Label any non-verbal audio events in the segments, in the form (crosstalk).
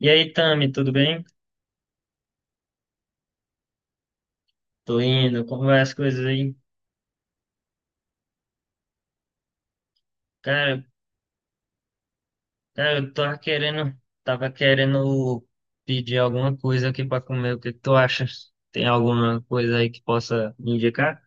E aí, Tami, tudo bem? Tô indo, como vai as coisas aí? Cara, cara, eu tava querendo pedir alguma coisa aqui pra comer. O que que tu acha? Tem alguma coisa aí que possa me indicar?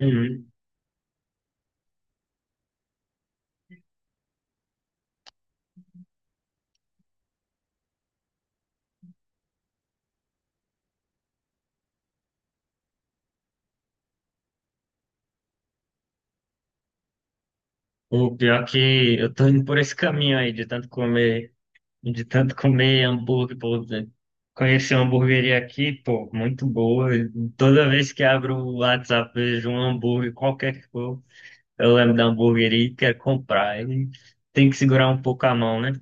Uhum. O pior é que eu tô indo por esse caminho aí, de tanto comer hambúrguer, pô. Conheci uma hamburgueria aqui, pô, muito boa. Toda vez que abro o WhatsApp, vejo um hambúrguer, qualquer que for. Eu lembro da hamburgueria e quero comprar. E tem que segurar um pouco a mão, né?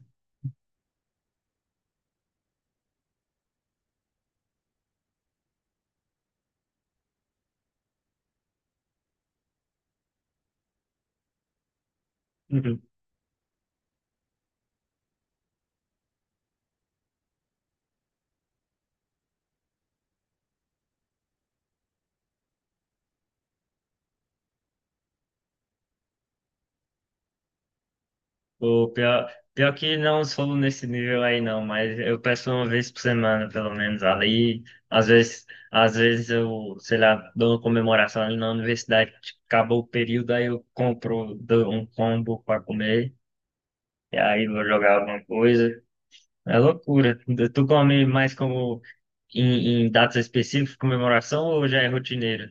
(laughs) O pior, pior que não sou nesse nível aí não, mas eu peço uma vez por semana, pelo menos. Ali, às vezes, às vezes eu, sei lá, dou uma comemoração ali na universidade, tipo, acabou o período, aí eu compro dou um combo para comer, e aí vou jogar alguma coisa. É loucura. Tu come mais como em datas específicas, comemoração, ou já é rotineiro?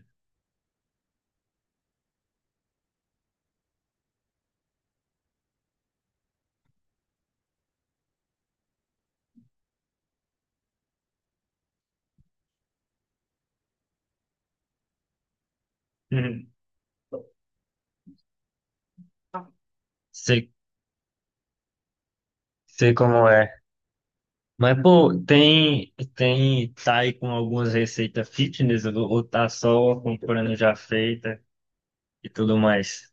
(laughs) Sei Sei como é. Mas, pô, tem, tá aí com algumas receitas fitness ou tá só comprando já feita e tudo mais?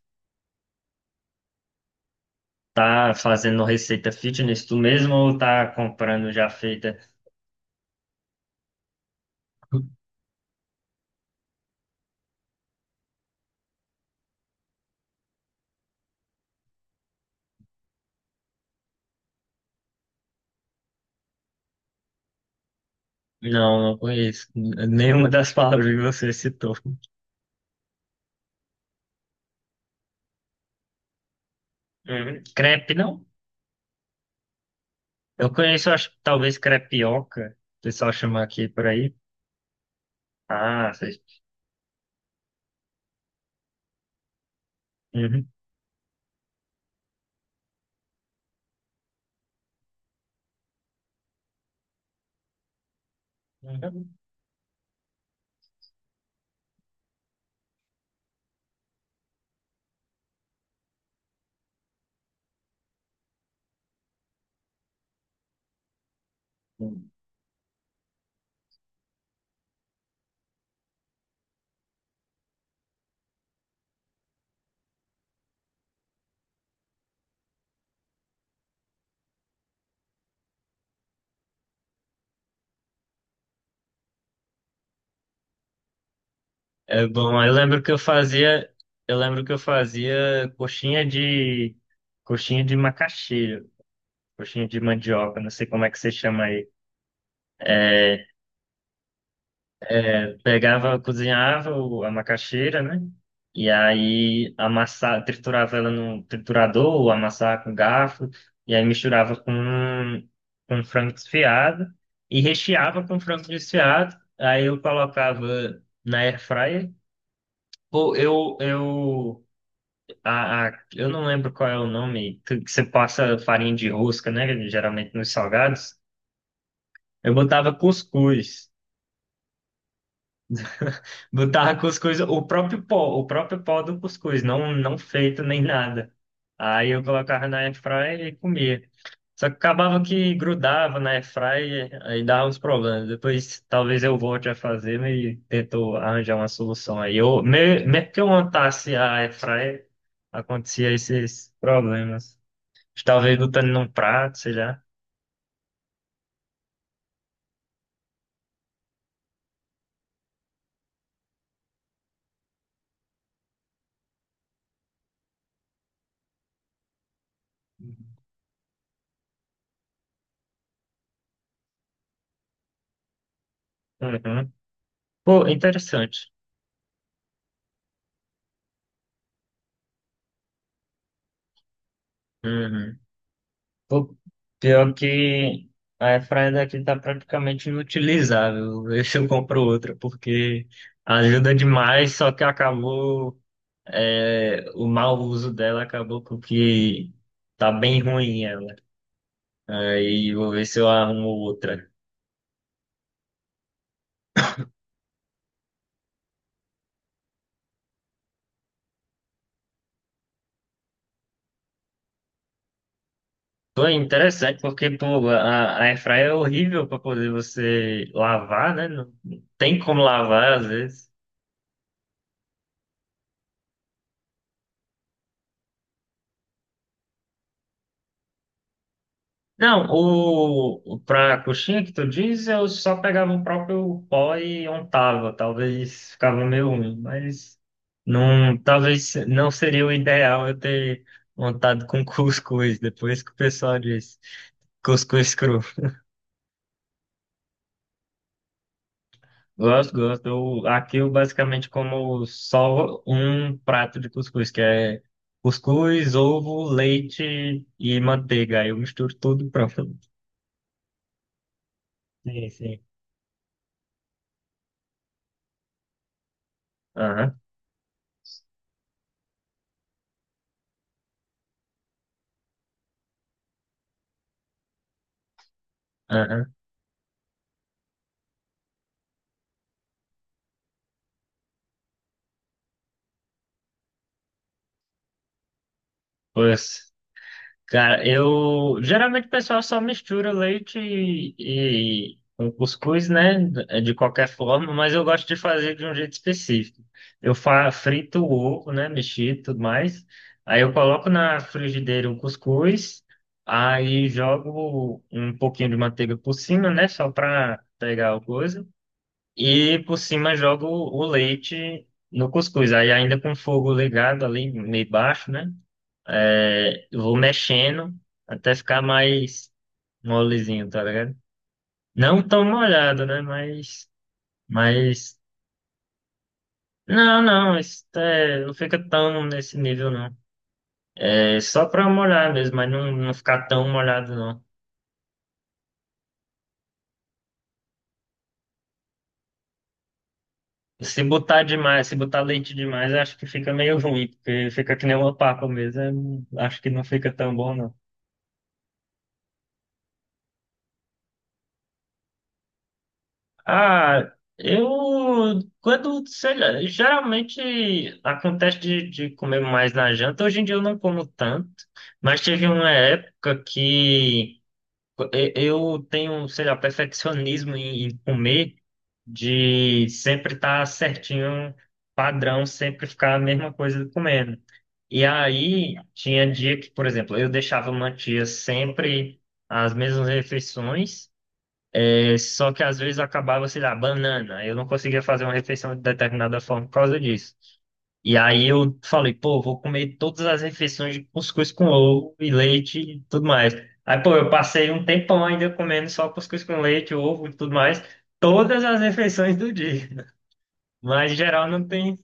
Tá fazendo receita fitness tu mesmo ou tá comprando já feita? Não, não conheço nenhuma das palavras que você citou. Uhum. Crepe, não? Eu conheço, acho, que talvez crepioca, o pessoal chama aqui por aí. Ah, vocês... Uhum. Uhum. É bom, eu lembro que eu fazia, eu lembro que eu fazia coxinha de macaxeira, coxinha de mandioca, não sei como é que você chama aí. É, pegava, cozinhava a macaxeira, né? E aí amassava, triturava ela no triturador, ou amassava com garfo, e aí misturava com frango desfiado e recheava com frango desfiado. Aí eu colocava na air fryer. Pô, eu eu não lembro qual é o nome, que você passa farinha de rosca, né? Geralmente nos salgados. Eu botava cuscuz. Botava cuscuz, o próprio pó do cuscuz, não, não feito nem nada. Aí eu colocava na airfryer e comia. Só que acabava que grudava na airfryer, aí dava uns problemas. Depois talvez eu volte a fazer né, e tento arranjar uma solução aí. Eu, mesmo que eu montasse a airfryer, acontecia esses problemas. Talvez lutando num prato, sei lá. Uhum. Pô, interessante. Uhum. Pô, pior que a airfryer daqui tá praticamente inutilizável. (laughs) Vê se eu compro outra, porque ajuda demais, só que acabou... é, o mau uso dela acabou com que tá bem ruim ela. Aí vou ver se eu arrumo outra. Pô, é interessante, porque pô, a airfryer é horrível para poder você lavar, né? Não tem como lavar às vezes. Não, para a coxinha que tu diz, eu só pegava o próprio pó e untava. Talvez ficava meio ruim, mas não, talvez não seria o ideal eu ter untado com (laughs) cuscuz, depois que o pessoal disse. Cuscuz cru. Gosto, gosto. Aqui eu basicamente como só um prato de cuscuz, que é cuscuz, ovo, leite e manteiga. Aí eu misturo tudo e pronto. Sim, sim. Aham, aham. Pois. Cara, eu geralmente o pessoal só mistura leite e com cuscuz, né? De qualquer forma, mas eu gosto de fazer de um jeito específico. Eu fa frito o ovo, né? Mexido e tudo mais. Aí eu coloco na frigideira o cuscuz, aí jogo um pouquinho de manteiga por cima, né? Só para pegar a coisa. E por cima jogo o leite no cuscuz. Aí ainda com o fogo ligado ali, meio baixo, né? É, eu vou mexendo até ficar mais molezinho, tá ligado? Não tão molhado, né? Mas, não, não, isso é, não fica tão nesse nível, não. É só pra molhar mesmo, mas não, não ficar tão molhado, não. Se botar demais, se botar leite demais, eu acho que fica meio ruim, porque fica que nem uma papa mesmo. Eu não- acho que não fica tão bom, não. Ah, eu quando, sei lá, geralmente acontece de comer mais na janta. Hoje em dia eu não como tanto, mas teve uma época que eu tenho, sei lá, perfeccionismo em comer, de sempre estar certinho, padrão, sempre ficar a mesma coisa comendo. E aí tinha dia que, por exemplo, eu deixava mantia sempre as mesmas refeições. Só que às vezes eu acabava, sei lá, banana. Eu não conseguia fazer uma refeição de determinada forma por causa disso. E aí eu falei, pô, vou comer todas as refeições de cuscuz com ovo e leite e tudo mais. Aí, pô, eu passei um tempão ainda comendo só cuscuz com leite, ovo e tudo mais, todas as refeições do dia. Mas em geral não tem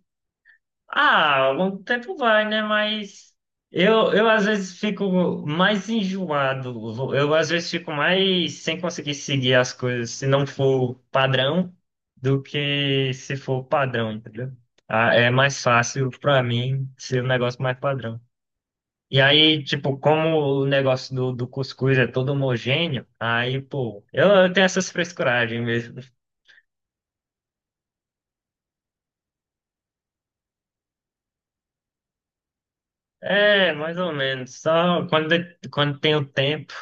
ah, o tempo vai, né? Mas eu às vezes fico mais enjoado. Eu às vezes fico mais sem conseguir seguir as coisas se não for padrão do que se for padrão, entendeu? Ah, é mais fácil pra mim ser um negócio mais padrão. E aí, tipo, como o negócio do cuscuz é todo homogêneo, aí, pô, eu tenho essas frescuragens mesmo. É, mais ou menos. Só quando, quando tenho tempo.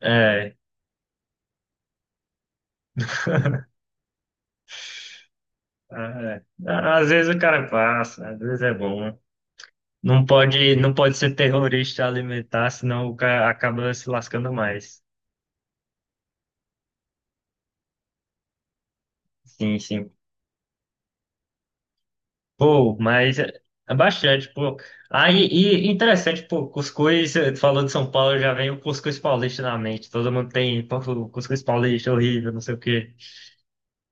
é, É, é. Às vezes o cara passa, às vezes é bom. Né? Não pode, não pode ser terrorista alimentar, senão o cara acaba se lascando mais. Sim, sim. Pô, mas é é bastante, pô. Aí, e interessante, pô, cuscuz, falando de São Paulo, já vem o cuscuz paulista na mente. Todo mundo tem, pô, cuscuz paulista horrível, não sei o quê.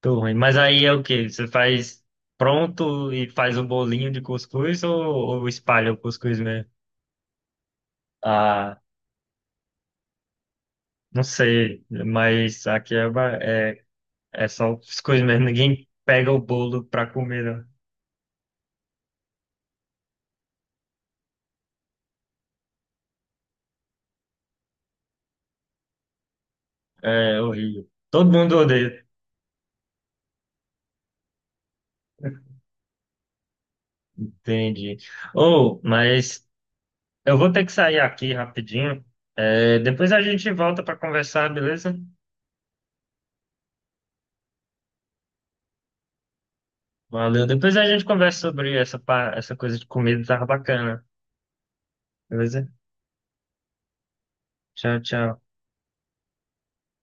Tô ruim. Mas aí é o quê? Você faz pronto e faz um bolinho de cuscuz ou espalha o cuscuz mesmo? Ah. Não sei, mas aqui é, é só as coisas mesmo. Ninguém pega o bolo pra comer, não. É horrível. Todo mundo odeia. Entendi. Ou, mas eu vou ter que sair aqui rapidinho. É, depois a gente volta pra conversar, beleza? Valeu. Depois a gente conversa sobre essa, essa coisa de comida, tava bacana. Beleza? Tchau, tchau.